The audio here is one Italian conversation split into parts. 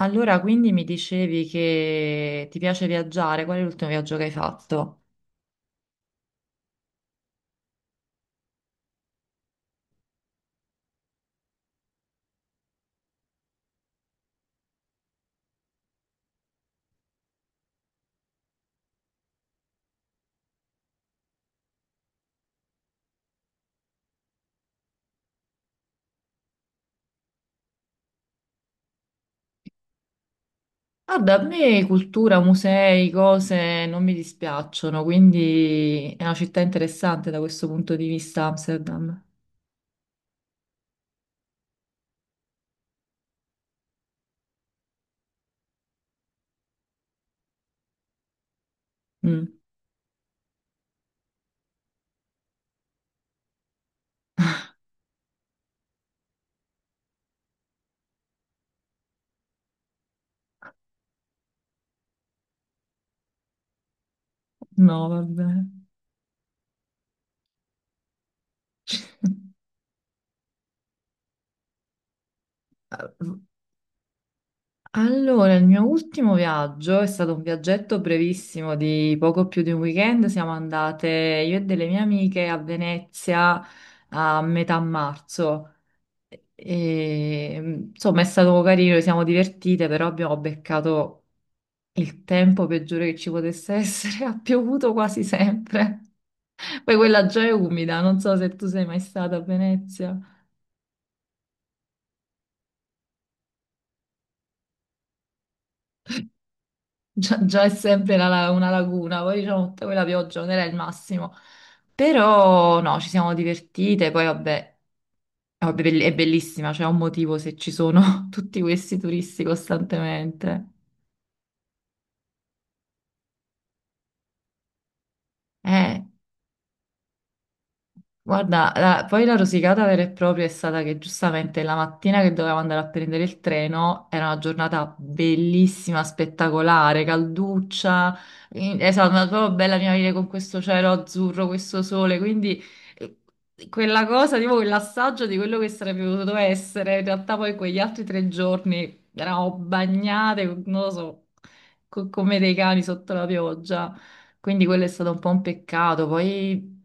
Allora, quindi mi dicevi che ti piace viaggiare, qual è l'ultimo viaggio che hai fatto? Guarda, a me cultura, musei, cose non mi dispiacciono, quindi è una città interessante da questo punto di vista, Amsterdam. Mm. No, vabbè. Allora, il mio ultimo viaggio è stato un viaggetto brevissimo di poco più di un weekend. Siamo andate io e delle mie amiche a Venezia a metà marzo. E, insomma, è stato carino, ci siamo divertite, però abbiamo beccato il tempo peggiore che ci potesse essere. Ha piovuto quasi sempre. Poi quella già è umida, non so se tu sei mai stata a Venezia. Già, già è sempre una laguna, poi diciamo tutta quella pioggia non era il massimo. Però no, ci siamo divertite, poi vabbè, è bellissima, c'è un motivo se ci sono tutti questi turisti costantemente. Eh. Guarda, poi la rosicata vera e propria è stata che giustamente la mattina che dovevamo andare a prendere il treno era una giornata bellissima, spettacolare, calduccia, esatto, una proprio bella primavera con questo cielo azzurro, questo sole, quindi eh, quella cosa, tipo quell'assaggio di quello che sarebbe potuto essere, in realtà poi quegli altri 3 giorni eravamo bagnate, non lo so, come dei cani sotto la pioggia, quindi quello è stato un po' un peccato, poi.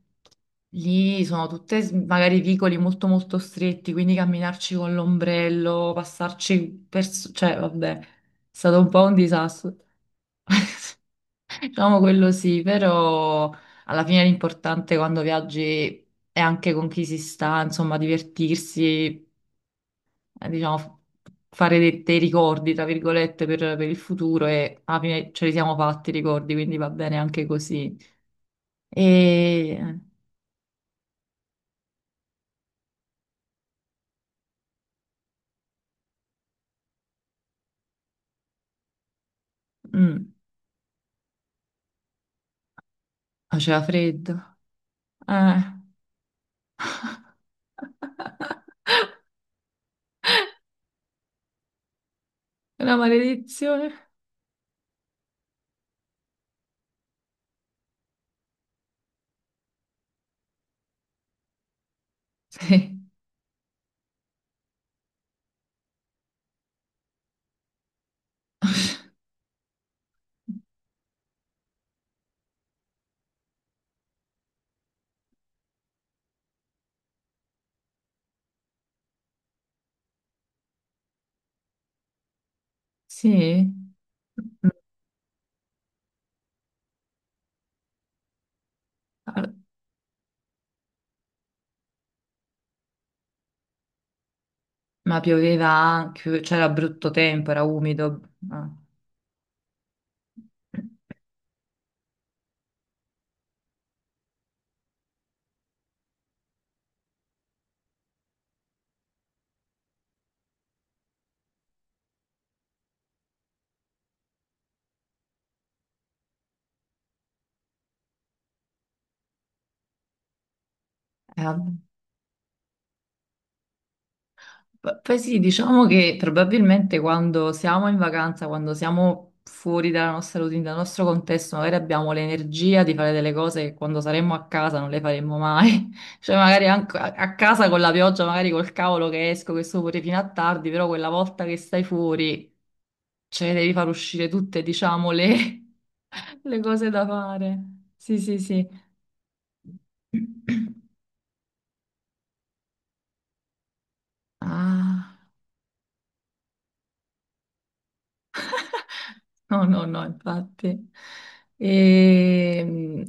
Lì sono magari vicoli molto molto stretti, quindi camminarci con l'ombrello, passarci per cioè vabbè, è stato un po' un disastro. Diciamo quello sì, però alla fine l'importante quando viaggi è anche con chi si sta, insomma, divertirsi, diciamo, fare dei ricordi, tra virgolette, per il futuro e alla fine ce li siamo fatti i ricordi, quindi va bene anche così. E. mm, Faceva freddo. Ah, una maledizione? Sì. Sì. Ma pioveva anche, c'era brutto tempo, era umido. Ah. Eh, Poi sì, diciamo che probabilmente quando siamo in vacanza, quando siamo fuori dalla nostra routine, dal nostro contesto, magari abbiamo l'energia di fare delle cose che quando saremmo a casa non le faremmo mai. Cioè, magari anche a casa con la pioggia, magari col cavolo che esco, che sto pure fino a tardi, però quella volta che stai fuori. Cioè, devi far uscire tutte, diciamo, le, le cose da fare. Sì, sì, sì. Ah, no, no, no, infatti. Ehm,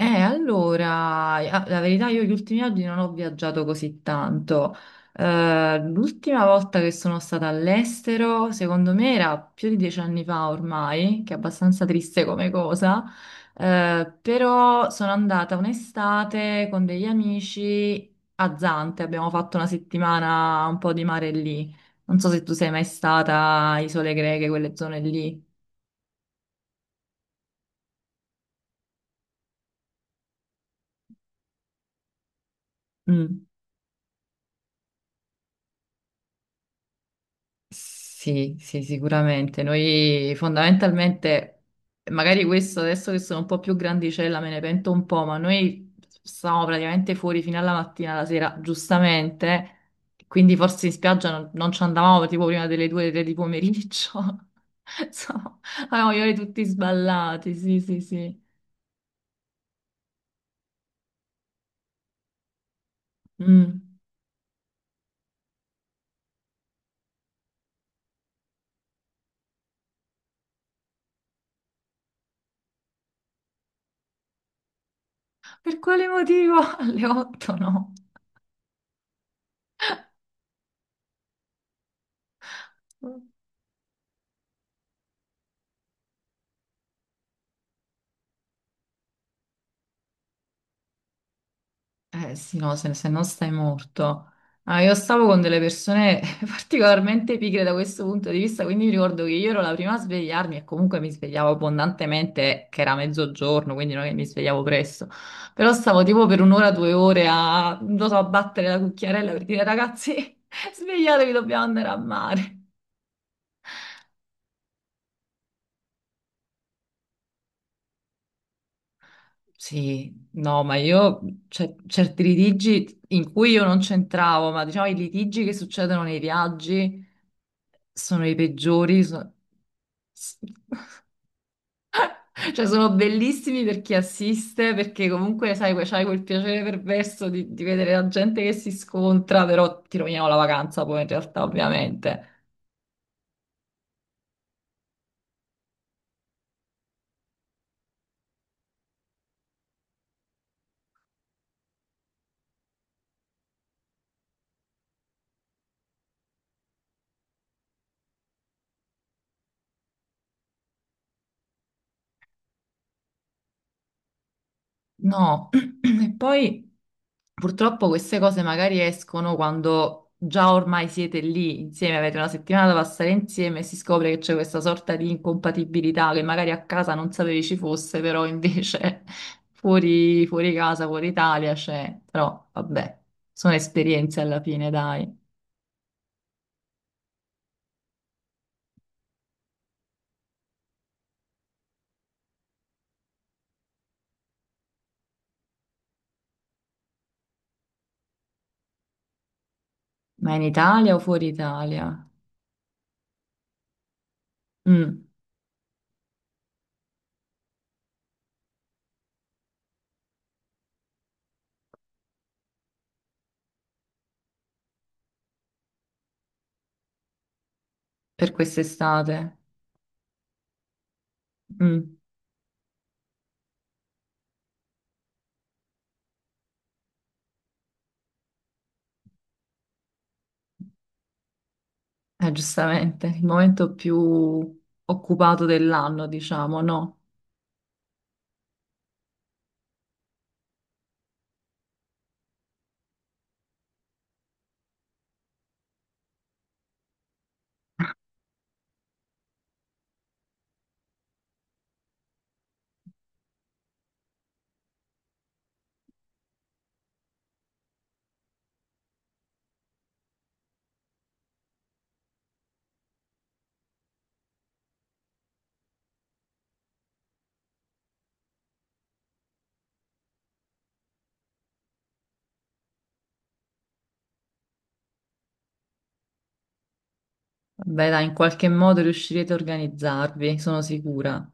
Allora, la verità io gli ultimi anni non ho viaggiato così tanto. L'ultima volta che sono stata all'estero, secondo me era più di 10 anni fa ormai, che è abbastanza triste come cosa, però sono andata un'estate con degli amici a Zante, abbiamo fatto una settimana un po' di mare lì. Non so se tu sei mai stata a Isole Greche, quelle zone lì. Mm. Sì, sì, sicuramente. Noi fondamentalmente, magari questo adesso che sono un po' più grandicella me ne pento un po', ma noi stavamo praticamente fuori fino alla mattina, alla sera, giustamente. Quindi forse in spiaggia non ci andavamo tipo prima delle due, tre di pomeriggio. Insomma, avevamo gli ori tutti sballati, sì, sì, sì. Mm. Per quale motivo? Alle 8 no. Eh sì, no, se non stai morto. Ah, io stavo con delle persone particolarmente pigre da questo punto di vista, quindi mi ricordo che io ero la prima a svegliarmi e comunque mi svegliavo abbondantemente, che era mezzogiorno, quindi non è che mi svegliavo presto. Però stavo tipo per un'ora, 2 ore a, non lo so, a battere la cucchiarella per dire ragazzi, svegliatevi, dobbiamo andare a mare. Sì, no, ma io cioè, certi litigi in cui io non c'entravo, ma diciamo i litigi che succedono nei viaggi. Sono i peggiori. S- Cioè, sono bellissimi per chi assiste, perché comunque, sai, c'hai quel piacere perverso di vedere la gente che si scontra, però ti rovinano la vacanza poi in realtà, ovviamente. No, e poi purtroppo queste cose magari escono quando già ormai siete lì insieme, avete una settimana da passare insieme e si scopre che c'è questa sorta di incompatibilità che magari a casa non sapevi ci fosse, però invece fuori, fuori casa, fuori Italia c'è. Però vabbè, sono esperienze alla fine, dai. Ma in Italia o fuori Italia? Mm, per quest'estate? Mm. Giustamente, il momento più occupato dell'anno, diciamo, no? Beh, dai, in qualche modo riuscirete a organizzarvi, sono sicura.